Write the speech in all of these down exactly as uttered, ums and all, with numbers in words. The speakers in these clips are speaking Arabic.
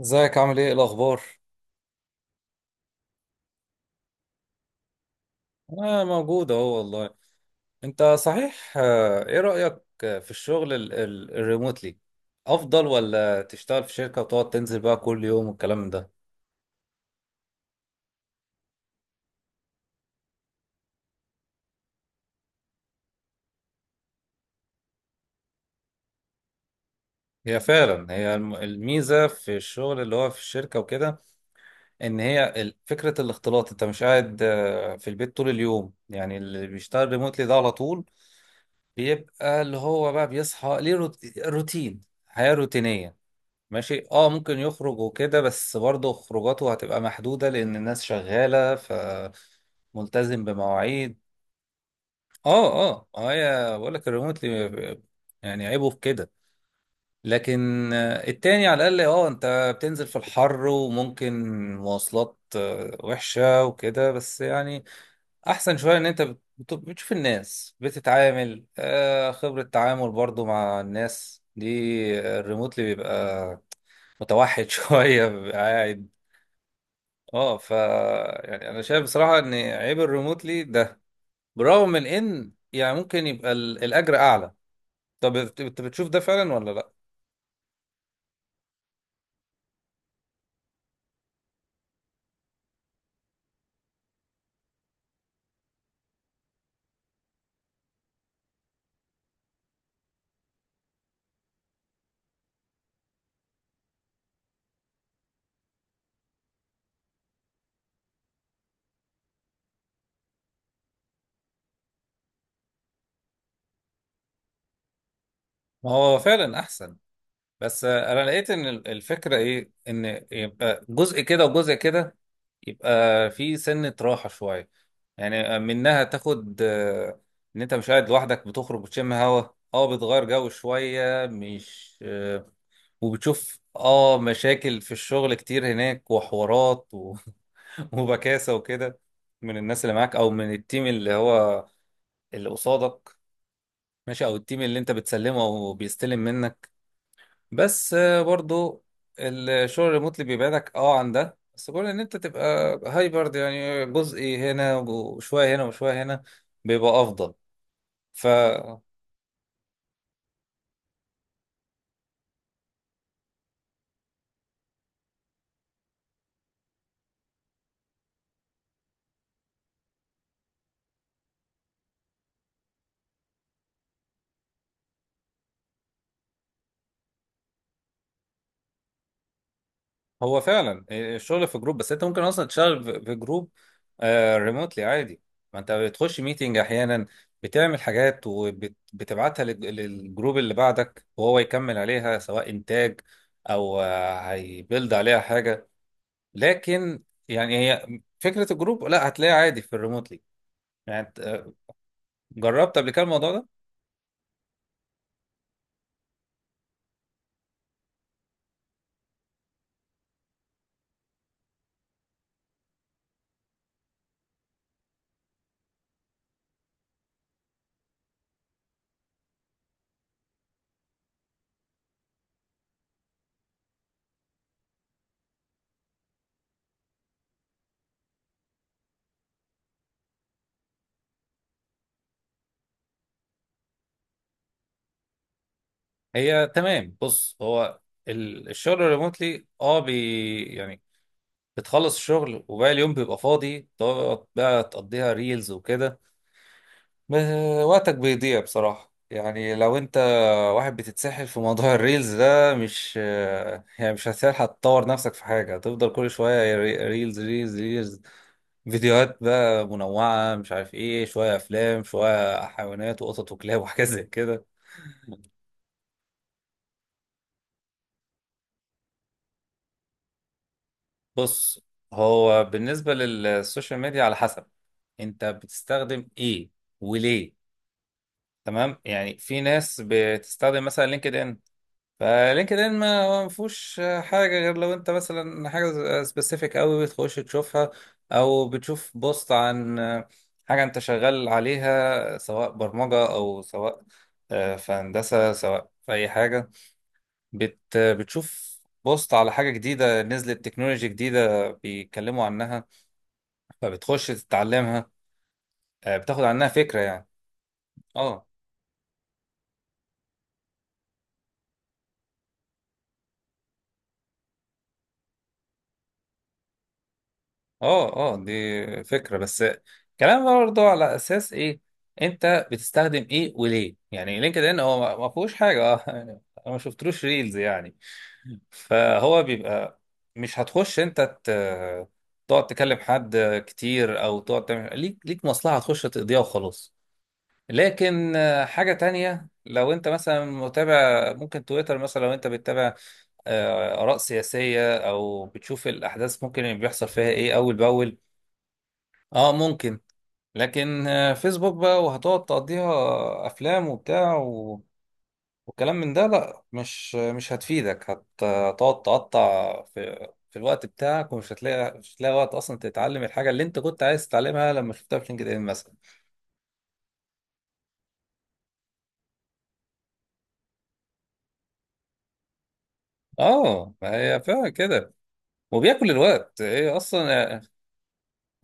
ازيك؟ عامل ايه؟ إيه الاخبار؟ انا موجود اهو والله. انت صحيح؟ آه، ايه رأيك آه، في الشغل ال- ال- الريموتلي؟ افضل، ولا تشتغل في شركة وتقعد تنزل بقى كل يوم والكلام ده؟ هي فعلا هي الم- الميزة في الشغل اللي هو في الشركة وكده. ان هي ال- فكرة الاختلاط. انت مش قاعد آه، في البيت طول اليوم، يعني اللي بيشتغل ريموتلي ده على طول بيبقى اللي هو بقى بيصحى ليه روت- روتين، حياة روتينية. ماشي، اه ممكن يخرج وكده، بس برضه خروجاته هتبقى محدودة لأن الناس شغالة فملتزم بمواعيد. اه، اه، ما هي بقول لك الريموتلي يعني عيبه في كده. لكن آه، التاني على الأقل اه انت بتنزل في الحر، وممكن مواصلات آه، وحشة وكده، بس يعني أحسن شوية، إن أنت بت- بتشوف الناس بتتعامل. آه، خبرة تعامل برضه مع الناس دي. الريموتلي بيبقى متوحد شوية، بيبقى قاعد. اه، ف يعني انا شايف بصراحة ان عيب الريموتلي ده، برغم من ان يعني ممكن يبقى ال- الاجر اعلى. طب انت بت- انت بتشوف ده فعلا ولا لا؟ ما هو فعلا احسن، بس انا لقيت ان ال- الفكرة ايه؟ ان يبقى جزء كده وجزء كده، يبقى في سنة راحة شوية، يعني منها تاخد آه، ان انت مش قاعد لوحدك، بتخرج وتشم هوا، اه بتغير جو شوية، مش وبتشوف اه مشاكل في الشغل كتير هناك، وحوارات و... وبكاسة وكده من الناس اللي معاك او من التيم اللي هو اللي قصادك. ماشي، او التيم اللي انت بتسلمه او بيستلم منك. بس آه، برضو الشغل الريموتلي بيبعدك اه عن ده، بس كون ان انت تبقى هايبرد، يعني جزء هنا وشوية هنا وشوية هنا، بيبقى افضل. هو فعلا آه، الشغل في جروب، بس انت ممكن اصلا تشتغل في في جروب ريموتلي عادي. ما انت بتخش ميتنج احيانا، بتعمل حاجات وبتبعتها للجروب اللي بعدك وهو يكمل عليها، سواء انتاج او آه، هيبيلد عليها حاجه. لكن يعني هي فكره الجروب لا هتلاقيها عادي في الريموتلي. يعني انت آه، جربت قبل كده الموضوع ده؟ هي تمام. بص، هو ال- الشغل الريموتلي اه بي يعني بتخلص الشغل وباقي اليوم بيبقى فاضي، تقعد بقى تقضيها ريلز وكده. ما- وقتك بيضيع بصراحة، يعني لو انت واحد بتتسحل في موضوع الريلز ده، مش يعني مش هتلحق تطور نفسك في حاجة، هتفضل كل شوية ري- ريلز ريلز ريلز، فيديوهات بقى منوعة مش عارف ايه، شوية افلام، شوية حيوانات وقطط وكلاب وحاجات زي كده. بص، هو بالنسبة للسوشيال ميديا على حسب انت بتستخدم ايه وليه. تمام، يعني في ناس بتستخدم مثلا لينكد ان. فلينكد ان ما ما فيهوش حاجه غير لو انت مثلا حاجه سبيسيفيك قوي بتخش تشوفها، او بتشوف بوست عن حاجه انت شغال عليها، سواء برمجه او سواء آه، في هندسه، سواء في اي حاجه، بت بتشوف بوست على حاجه جديده نزلت، تكنولوجي جديده بيتكلموا عنها فبتخش تتعلمها، آه، بتاخد عنها فكره يعني. اه، اه، اه دي فكرة بس كلام برضه، على اساس ايه انت بتستخدم ايه وليه. يعني لينكد ان هو ما ما فيهوش حاجة اه يعني، انا ما شفتلوش ريلز يعني، فهو بيبقى مش هتخش انت ت- تقعد تكلم حد كتير، او تقعد تعمل ليك ليك مصلحة، هتخش تقضيها وخلاص. لكن آه، حاجة تانية، لو انت مثلا متابع ممكن تويتر مثلا، لو انت بتتابع آه، آراء سياسية او بتشوف الاحداث، ممكن اللي بيحصل فيها ايه اول باول، اه ممكن. لكن آه، فيسبوك بقى، وهتقعد تقضيها افلام وبتاع و... وكلام من ده، لا مش مش هتفيدك، هت- هتقعد تقطع في في الوقت بتاعك، ومش هتلاقي مش هتلاقي وقت اصلا تتعلم الحاجه اللي انت كنت عايز تتعلمها لما شفتها في لينكد ان مثلا. اه، ما هي فعلا كده، وبياكل الوقت هي اصلا.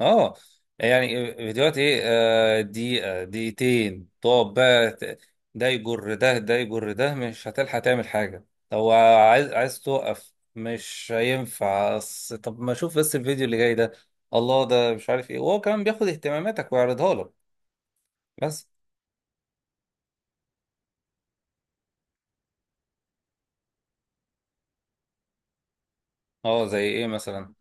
اه يعني فيديوهات ايه آه دقيقة دقيقتين، تقعد بقى ت- ده يجر ده، ده يجر ده، مش هتلحق تعمل حاجة. لو عايز عايز توقف مش هينفع، أص- طب ما اشوف بس الفيديو اللي جاي ده، الله ده مش عارف ايه، وهو كمان بياخد اهتماماتك ويعرضها لك. بس اه، زي ايه مثلا؟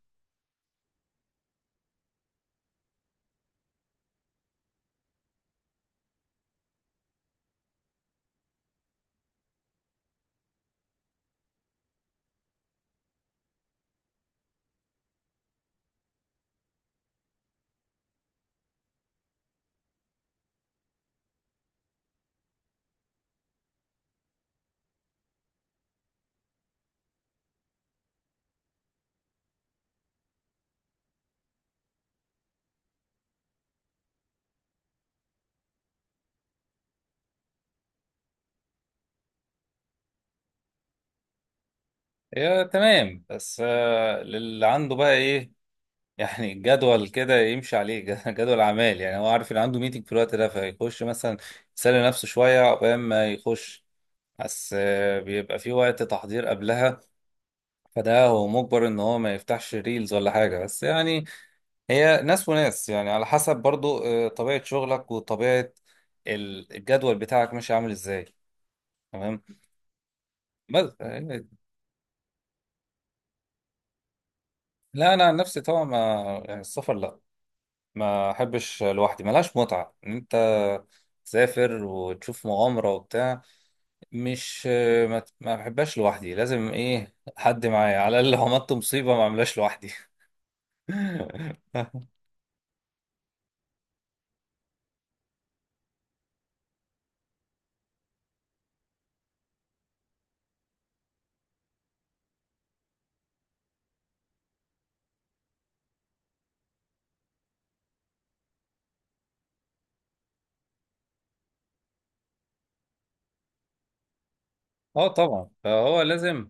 يا تمام. بس آه اللي عنده بقى ايه، يعني الجدول كده يمشي عليه جدول اعمال، يعني هو عارف ان عنده ميتنج في الوقت ده فيخش مثلا يسلي نفسه شويه عقبال ما يخش، بس آه، بيبقى في وقت تحضير قبلها، فده هو مجبر ان هو ما يفتحش ريلز ولا حاجه، بس يعني هي ناس وناس، يعني على حسب برضو آه، طبيعه شغلك وطبيعه ال- الجدول بتاعك ماشي عامل ازاي. تمام. بس آه، لا انا عن نفسي طبعا ما يعني السفر، لا ما احبش لوحدي، ملهاش متعة ان انت تسافر وتشوف مغامرة وبتاع، مش ما ما بحبهاش لوحدي، لازم ايه حد معايا على الاقل، لو عملت مصيبة ما اعملهاش لوحدي. اه طبعا، فهو لازم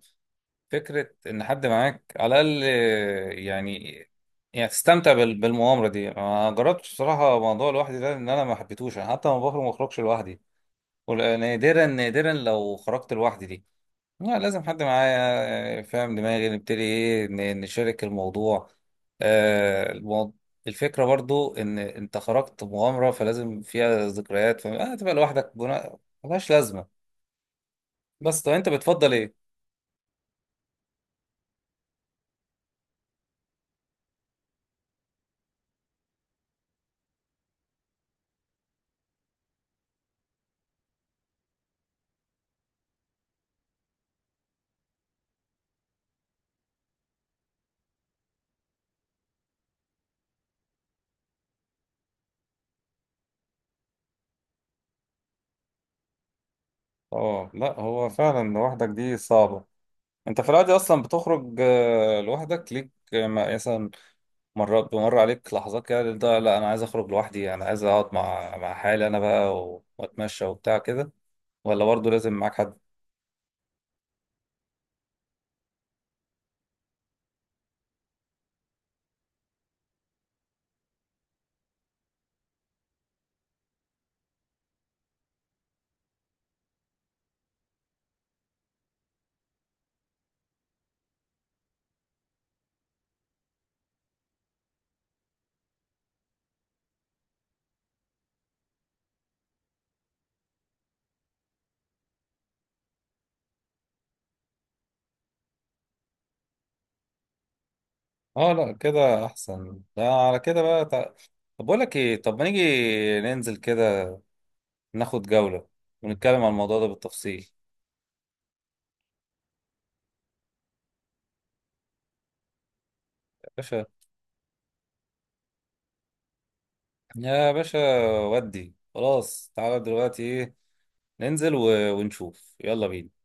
فكرة ان حد معاك على الاقل، يعني يعني تستمتع بال- بالمغامرة دي. ما جربتش بصراحة موضوع لوحدي ده، ان انا ما حبيتهوش، انا حتى ما بخرج ما بخرجش لوحدي، ونادرا نادرا لو خرجت لوحدي دي، لا لازم حد معايا فاهم دماغي، نبتدي ايه ن- نشارك الموضوع. آه المو... الفكرة برضو ان انت خرجت مغامرة فلازم فيها ذكريات، فما آه تبقى لوحدك جنا... ملهاش لازمة. بس طب انت بتفضل ايه؟ اه لا، هو فعلا لوحدك دي صعبة. انت في العادي اصلا بتخرج آه، لوحدك ليك آه، ما- مثلا مرات بمر عليك لحظات كده ده، لا انا عايز اخرج لوحدي، انا عايز اقعد مع مع حالي انا بقى و- واتمشى وبتاع كده، ولا برضو لازم معاك حد؟ اه لا، كده احسن. لا على كده بقى تع... طب بقول لك ايه؟ طب ما نيجي ننزل كده، ناخد جولة ونتكلم عن الموضوع ده بالتفصيل. يا باشا. يا باشا. ودي خلاص، تعالى دلوقتي ايه، ننزل و... ونشوف. يلا بينا.